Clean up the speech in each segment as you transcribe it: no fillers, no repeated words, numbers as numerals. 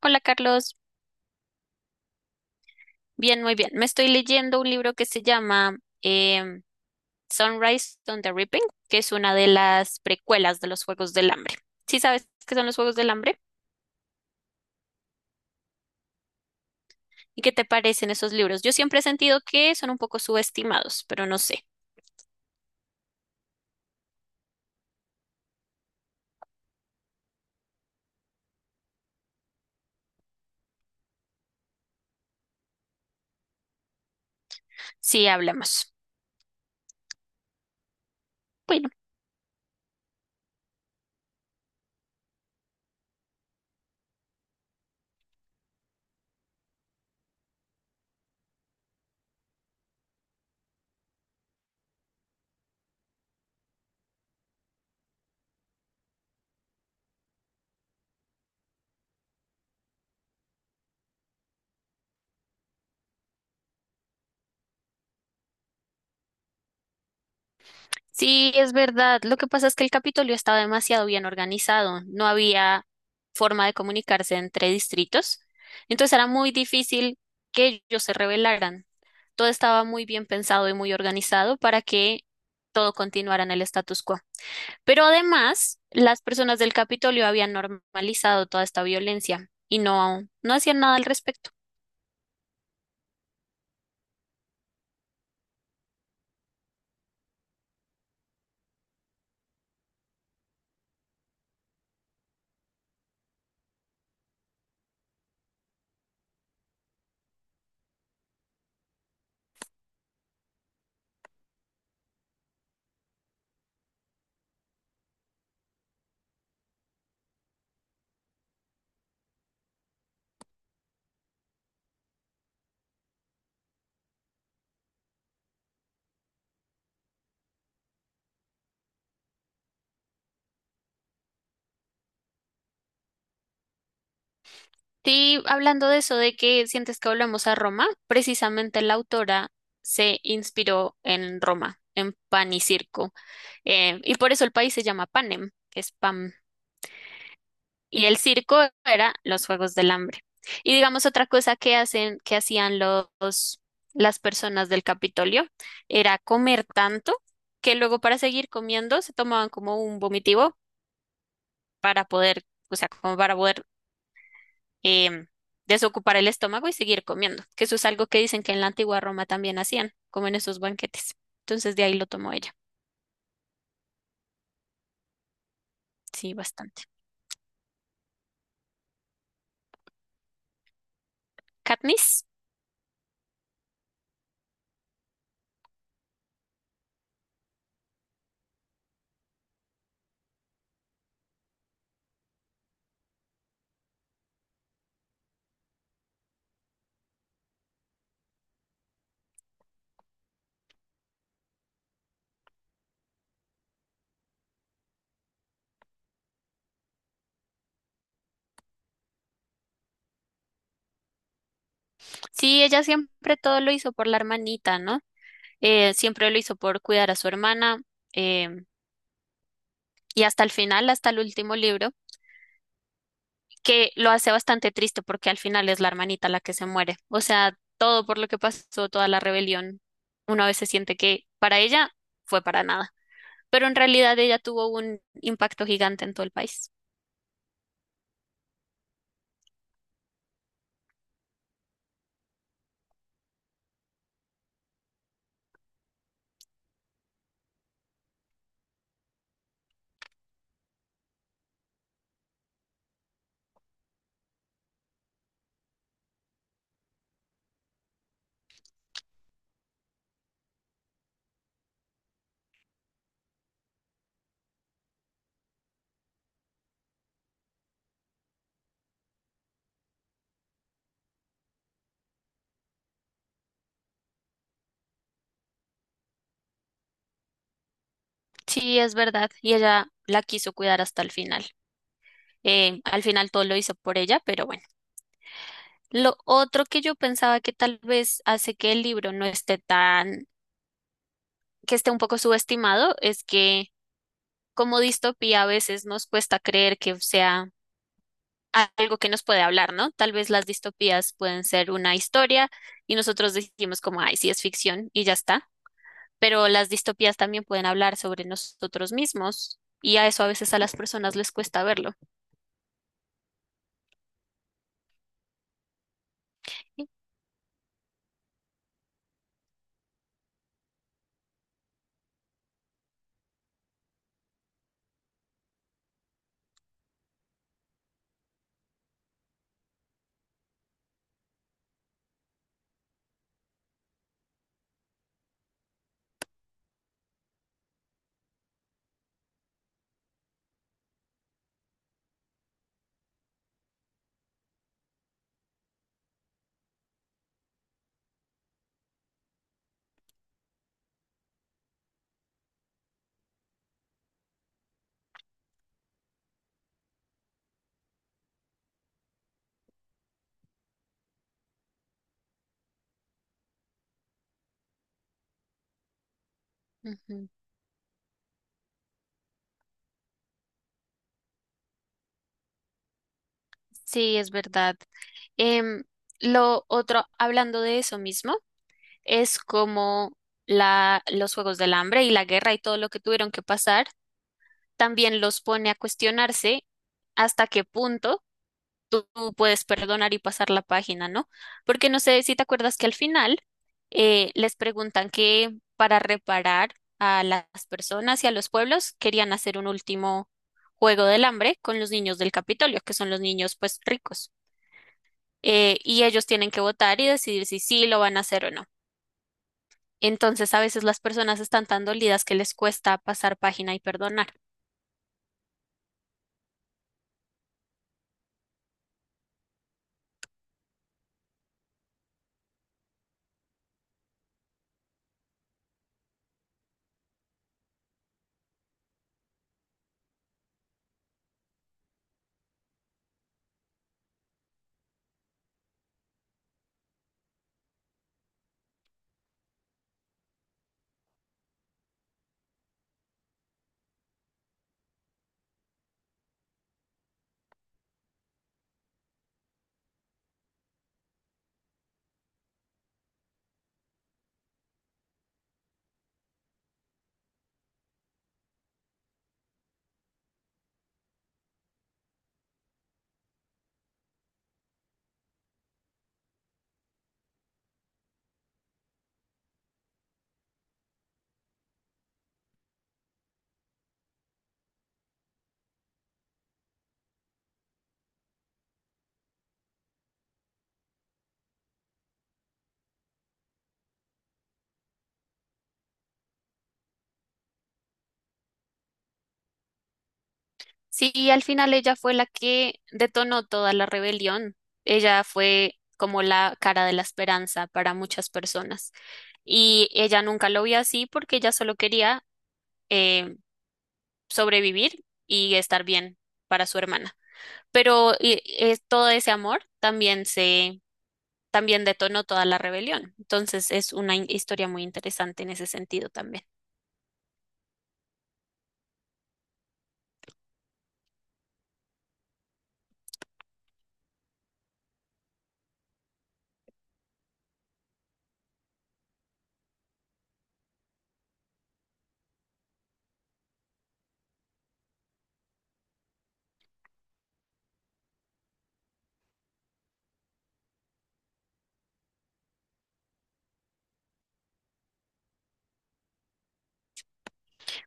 Hola, Carlos. Bien, muy bien. Me estoy leyendo un libro que se llama em, Sunrise on the Reaping, que es una de las precuelas de los Juegos del Hambre. ¿Sí sabes qué son los Juegos del Hambre? ¿Y qué te parecen esos libros? Yo siempre he sentido que son un poco subestimados, pero no sé. Sí, hablamos. Sí, es verdad. Lo que pasa es que el Capitolio estaba demasiado bien organizado. No había forma de comunicarse entre distritos. Entonces era muy difícil que ellos se rebelaran. Todo estaba muy bien pensado y muy organizado para que todo continuara en el status quo. Pero además, las personas del Capitolio habían normalizado toda esta violencia y no, no hacían nada al respecto. Sí, hablando de eso, de que sientes que volvemos a Roma, precisamente la autora se inspiró en Roma, en pan y circo. Y por eso el país se llama Panem, que es pan. Y el circo era los Juegos del Hambre. Y digamos otra cosa que hacen, que hacían los, las personas del Capitolio, era comer tanto que luego, para seguir comiendo, se tomaban como un vomitivo para poder, o sea, como para poder em, desocupar el estómago y seguir comiendo, que eso es algo que dicen que en la antigua Roma también hacían, como en esos banquetes. Entonces de ahí lo tomó ella. Sí, bastante. Katniss. Sí, ella siempre todo lo hizo por la hermanita, ¿no? Siempre lo hizo por cuidar a su hermana em, y hasta el final, hasta el último libro, que lo hace bastante triste porque al final es la hermanita la que se muere. O sea, todo por lo que pasó, toda la rebelión, una vez se siente que para ella fue para nada. Pero en realidad ella tuvo un impacto gigante en todo el país. Sí, es verdad, y ella la quiso cuidar hasta el final. Al final todo lo hizo por ella, pero bueno. Lo otro que yo pensaba, que tal vez hace que el libro no esté tan, que esté un poco subestimado, es que como distopía a veces nos cuesta creer que sea algo que nos puede hablar, ¿no? Tal vez las distopías pueden ser una historia y nosotros decimos como, ay, sí, es ficción y ya está, pero las distopías también pueden hablar sobre nosotros mismos, y a eso a veces a las personas les cuesta verlo. Ujú. Sí, es verdad. Em, lo otro, hablando de eso mismo, es como la, los Juegos del Hambre y la guerra y todo lo que tuvieron que pasar, también los pone a cuestionarse hasta qué punto tú puedes perdonar y pasar la página, ¿no? Porque no sé si te acuerdas que al final les preguntan que para reparar a las personas y a los pueblos querían hacer un último juego del hambre con los niños del Capitolio, que son los niños pues ricos. Y ellos tienen que votar y decidir si sí lo van a hacer o no. Entonces, a veces las personas están tan dolidas que les cuesta pasar página y perdonar. Sí, y al final ella fue la que detonó toda la rebelión. Ella fue como la cara de la esperanza para muchas personas. Y ella nunca lo vio así porque ella solo quería eh, sobrevivir y estar bien para su hermana. Pero todo ese amor también se, también detonó toda la rebelión. Entonces es una historia muy interesante en ese sentido también.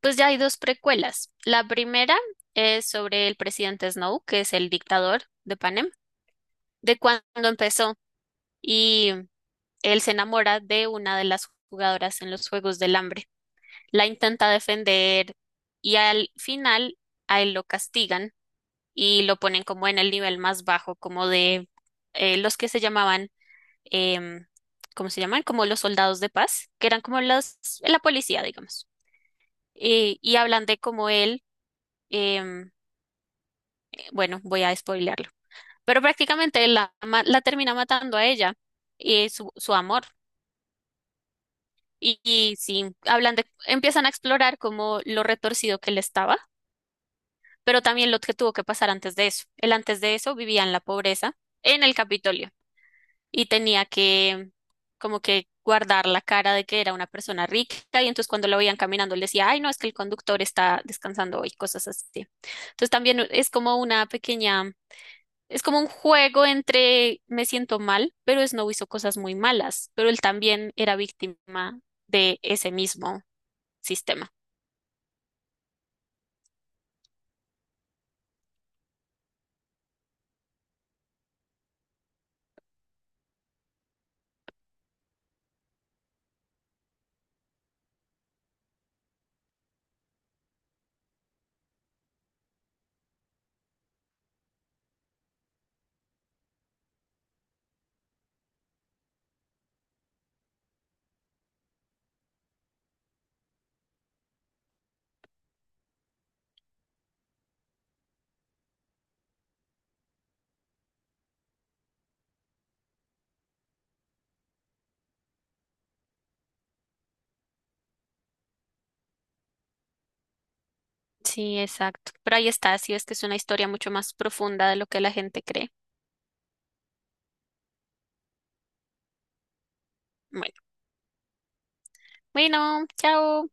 Pues ya hay dos precuelas. La primera es sobre el presidente Snow, que es el dictador de Panem. De cuando empezó y él se enamora de una de las jugadoras en los Juegos del Hambre. La intenta defender y al final a él lo castigan y lo ponen como en el nivel más bajo, como de los que se llamaban, em, ¿cómo se llaman? Como los soldados de paz, que eran como los, la policía, digamos. Y hablan de cómo él, em, bueno, voy a spoilearlo, pero prácticamente él la termina matando a ella y su amor. Y sí, hablan de, empiezan a explorar como lo retorcido que él estaba, pero también lo que tuvo que pasar antes de eso. Él antes de eso vivía en la pobreza, en el Capitolio, y tenía que como que guardar la cara de que era una persona rica, y entonces cuando lo veían caminando, él decía, ay, no, es que el conductor está descansando hoy, cosas así. Entonces también es como una pequeña, es como un juego entre me siento mal, pero Snow hizo cosas muy malas, pero él también era víctima de ese mismo sistema. Sí, exacto. Pero ahí está, sí, es que es una historia mucho más profunda de lo que la gente cree. Bueno, bueno, chao.